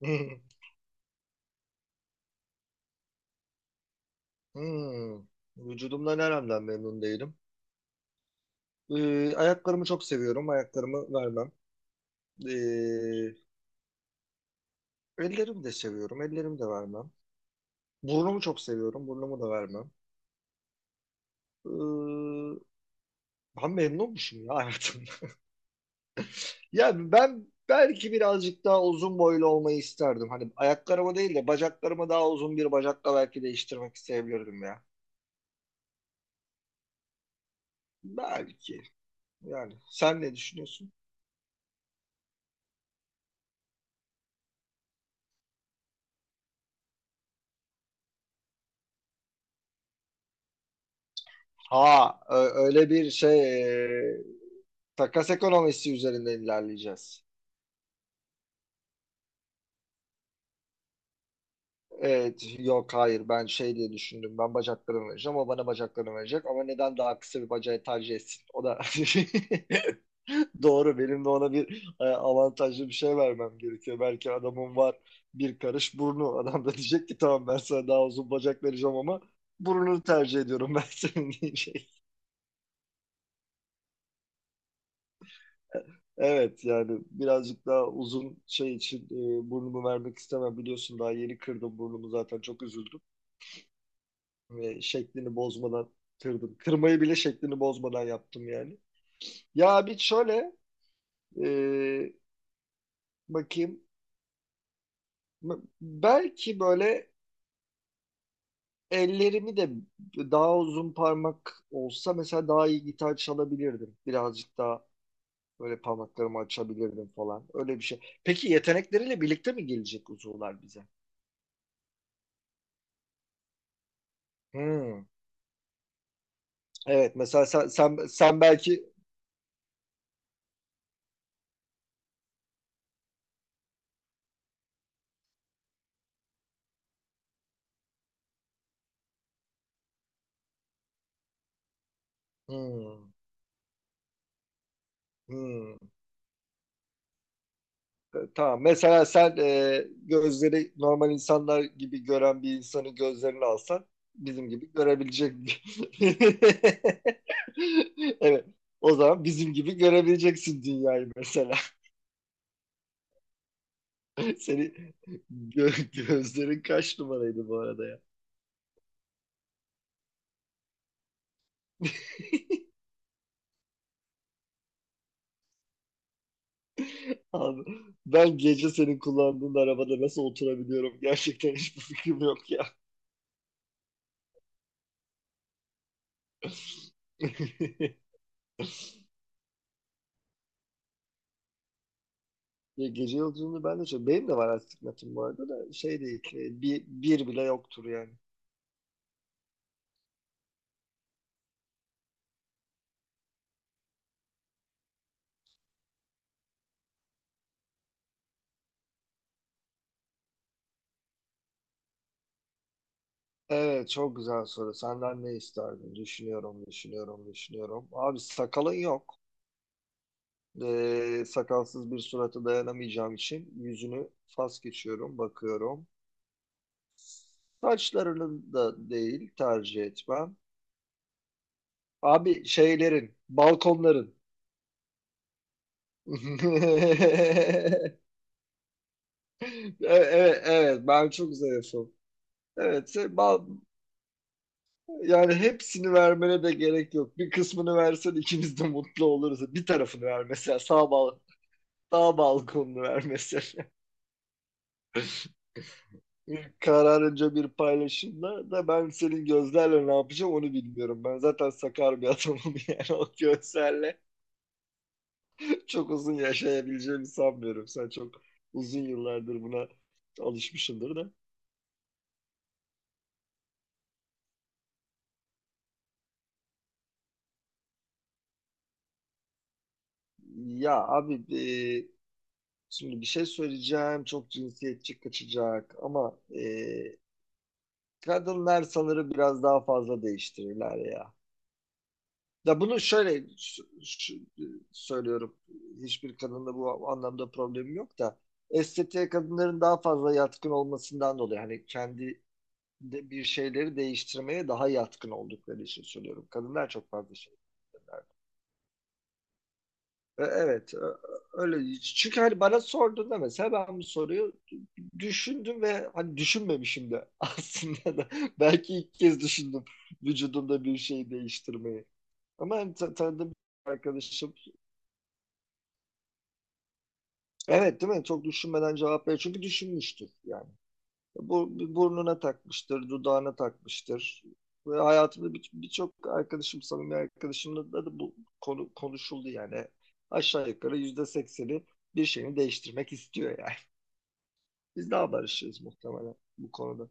Hmm. Vücudumdan neremden memnun değilim. Ayaklarımı çok seviyorum. Ayaklarımı vermem. Ee, ellerimi de seviyorum. Ellerimi de vermem. Burnumu çok seviyorum. Burnumu da vermem. Ee, ben memnunmuşum ya hayatımda. Yani ben belki birazcık daha uzun boylu olmayı isterdim. Hani ayaklarımı değil de bacaklarımı daha uzun bir bacakla belki değiştirmek isteyebilirdim ya. Belki. Yani sen ne düşünüyorsun? Ha, öyle bir şey. e, Takas ekonomisi üzerinden ilerleyeceğiz. Evet, yok hayır, ben şey diye düşündüm. Ben bacaklarımı vereceğim, o bana bacaklarını verecek. Ama neden daha kısa bir bacağı tercih etsin? O da doğru. Benim de ona bir avantajlı bir şey vermem gerekiyor. Belki adamın var bir karış burnu. Adam da diyecek ki tamam, ben sana daha uzun bacak vereceğim ama burnunu tercih ediyorum ben senin diyecek. Evet yani birazcık daha uzun şey için burnumu vermek istemem. Biliyorsun daha yeni kırdım burnumu, zaten çok üzüldüm. Ve şeklini bozmadan kırdım. Kırmayı bile şeklini bozmadan yaptım yani. Ya bir şöyle e, bakayım. Belki böyle ellerimi de daha uzun parmak olsa mesela daha iyi gitar çalabilirdim. Birazcık daha böyle parmaklarımı açabilirdim falan. Öyle bir şey. Peki yetenekleriyle birlikte mi gelecek uzuvlar bize? Hmm. Evet, mesela sen belki hmm. Hmm. Tamam. Mesela sen gözleri normal insanlar gibi gören bir insanın gözlerini alsan bizim gibi görebilecek. Evet. O zaman bizim gibi görebileceksin dünyayı mesela. Senin gözlerin kaç numaraydı bu arada ya? Abi, ben gece senin kullandığın arabada nasıl oturabiliyorum? Gerçekten hiçbir fikrim yok ya. Ya gece yolculuğunu ben de çok... Benim de var astigmatım bu arada, da şey değil. Bir bile yoktur yani. Evet, çok güzel soru. Senden ne isterdin? Düşünüyorum, düşünüyorum, düşünüyorum. Abi sakalın yok. Sakalsız bir surata dayanamayacağım için yüzünü fas geçiyorum, bakıyorum. Saçlarının da değil tercih etmem. Abi şeylerin, balkonların. Evet, evet, evet, ben çok zayıfım. Evet. Yani hepsini vermene de gerek yok. Bir kısmını versen ikimiz de mutlu oluruz. Bir tarafını ver mesela sağ balkonunu ver mesela. Kararınca bir paylaşımla da ben senin gözlerle ne yapacağım onu bilmiyorum. Ben zaten sakar bir adamım, yani o gözlerle çok uzun yaşayabileceğimi sanmıyorum. Sen çok uzun yıllardır buna alışmışsındır da. Ya abi şimdi bir şey söyleyeceğim, çok cinsiyetçi kaçacak ama kadınlar sanırım biraz daha fazla değiştirirler ya. Ya bunu şöyle söylüyorum. Hiçbir kadında bu anlamda problemim yok da estetiğe kadınların daha fazla yatkın olmasından dolayı, hani kendi de bir şeyleri değiştirmeye daha yatkın oldukları için söylüyorum. Kadınlar çok fazla şey. Evet, öyle. Çünkü hani bana sorduğunda mesela ben bu soruyu düşündüm ve hani düşünmemişim de aslında da belki ilk kez düşündüm vücudumda bir şey değiştirmeyi. Ama hani tanıdığım bir arkadaşım, evet değil mi? Çok düşünmeden cevap veriyor. Çünkü düşünmüştür yani. Bu burnuna takmıştır, dudağına takmıştır. Ve hayatımda birçok arkadaşım, samimi arkadaşımla da bu konu konuşuldu yani. Aşağı yukarı %80'i bir şeyini değiştirmek istiyor yani. Biz daha barışırız muhtemelen bu konuda.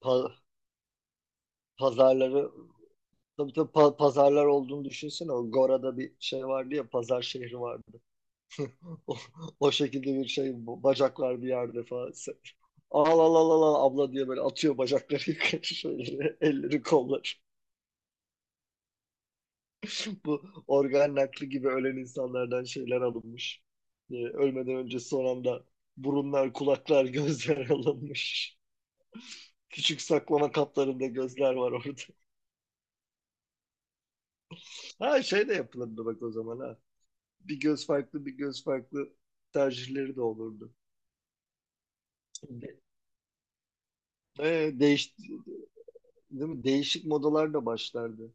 Pa- pazarları, tabii tabii, pazarlar olduğunu düşünsene. O Gora'da bir şey vardı ya, pazar şehri vardı. O, o şekilde bir şey, bu bacaklar bir yerde falan. Al al al al al abla diye böyle atıyor bacakları yukarı şöyle, elleri kolları. Bu organ nakli gibi ölen insanlardan şeyler alınmış. Ölmeden önce son anda burunlar, kulaklar, gözler alınmış. Küçük saklama kaplarında gözler var orada. Ha şey de yapılırdı bak o zaman, ha. Bir göz farklı, bir göz farklı tercihleri de olurdu. De- Ee, değiş, değil mi? Değişik modalar da başlardı.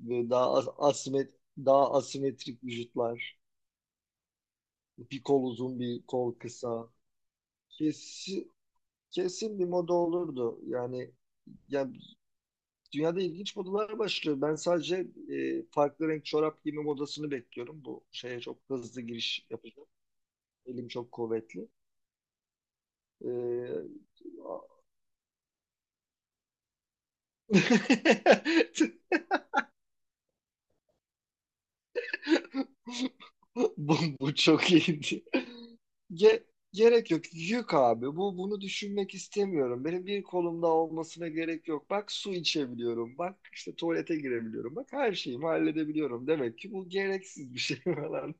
Ve daha asimetrik vücutlar. Bir kol uzun, bir kol kısa. Kesin, Kesin bir moda olurdu. Yani ya dünyada ilginç modalar başlıyor. Ben sadece farklı renk çorap giyme modasını bekliyorum. Bu şeye çok hızlı giriş yapacağım. Elim çok kuvvetli. E, bu çok iyiydi. Ge- gerek yok. Yük abi. Bunu düşünmek istemiyorum. Benim bir kolumda olmasına gerek yok. Bak, su içebiliyorum. Bak işte, tuvalete girebiliyorum. Bak, her şeyimi halledebiliyorum. Demek ki bu gereksiz bir şey falan.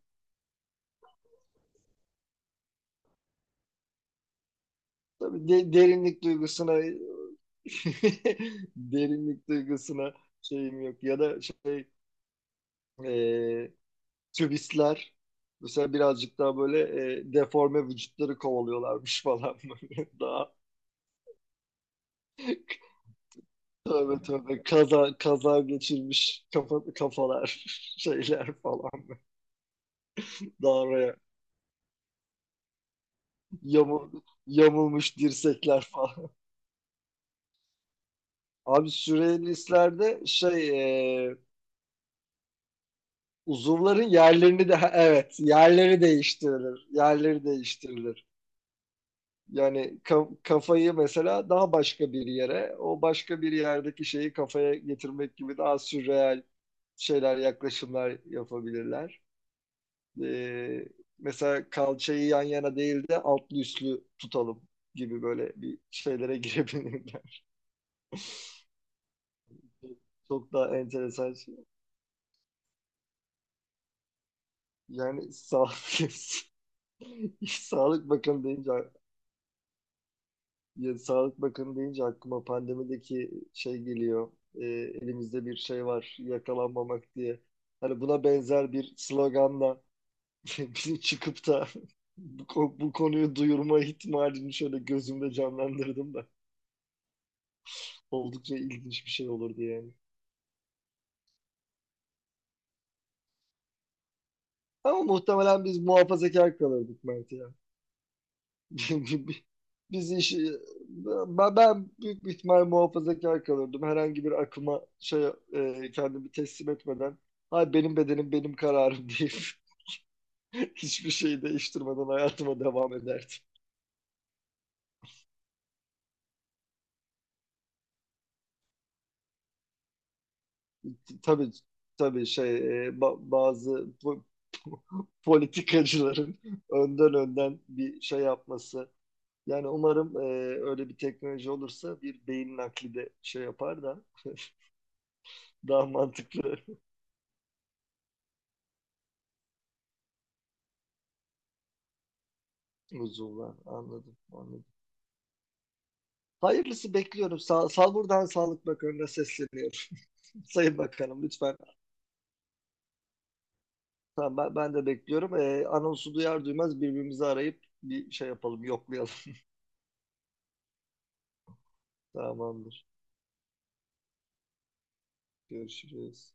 Tabii derinlik duygusuna derinlik duygusuna şeyim yok. Ya da şey, e, turistler mesela birazcık daha böyle, deforme vücutları kovalıyorlarmış falan böyle. Daha tövbe tövbe kaza kaza geçirmiş kafalar şeyler falan. Daha oraya yamul, yamulmuş dirsekler falan. Abi sürrealistlerde şey, e, uzuvların yerlerini de, evet, yerleri değiştirilir. Yerleri değiştirilir. Yani kafayı mesela daha başka bir yere, o başka bir yerdeki şeyi kafaya getirmek gibi daha sürreal şeyler, yaklaşımlar yapabilirler. Ee, mesela kalçayı yan yana değil de altlı üstlü tutalım gibi böyle bir şeylere girebilirler. Çok daha enteresan şey. Yani Sağlık Bakanı deyince. Ya, Sağlık Bakanı deyince aklıma pandemideki şey geliyor. Elimizde bir şey var yakalanmamak diye. Hani buna benzer bir sloganla bizim çıkıp da bu konuyu duyurma ihtimalini şöyle gözümde canlandırdım da oldukça ilginç bir şey olurdu yani. Ama muhtemelen biz muhafazakar kalırdık Mert ya. Biz iş, ben büyük bir ihtimal muhafazakar kalırdım. Herhangi bir akıma şey, kendimi teslim etmeden, hay benim bedenim benim kararım deyip, hiçbir şeyi değiştirmeden hayatıma devam ederdim. Tabii tabii şey, bazı po- politikacıların önden bir şey yapması. Yani umarım öyle bir teknoloji olursa bir beyin nakli de şey yapar da daha mantıklı. Uzuvlar. Anladım, anladım. Hayırlısı bekliyorum. Sağ, sağ buradan Sağlık Bakanı'na sesleniyorum. Sayın Bakanım, lütfen. Tamam, ben de bekliyorum. Anonsu duyar duymaz birbirimizi arayıp bir şey yapalım, yoklayalım. Tamamdır. Görüşürüz.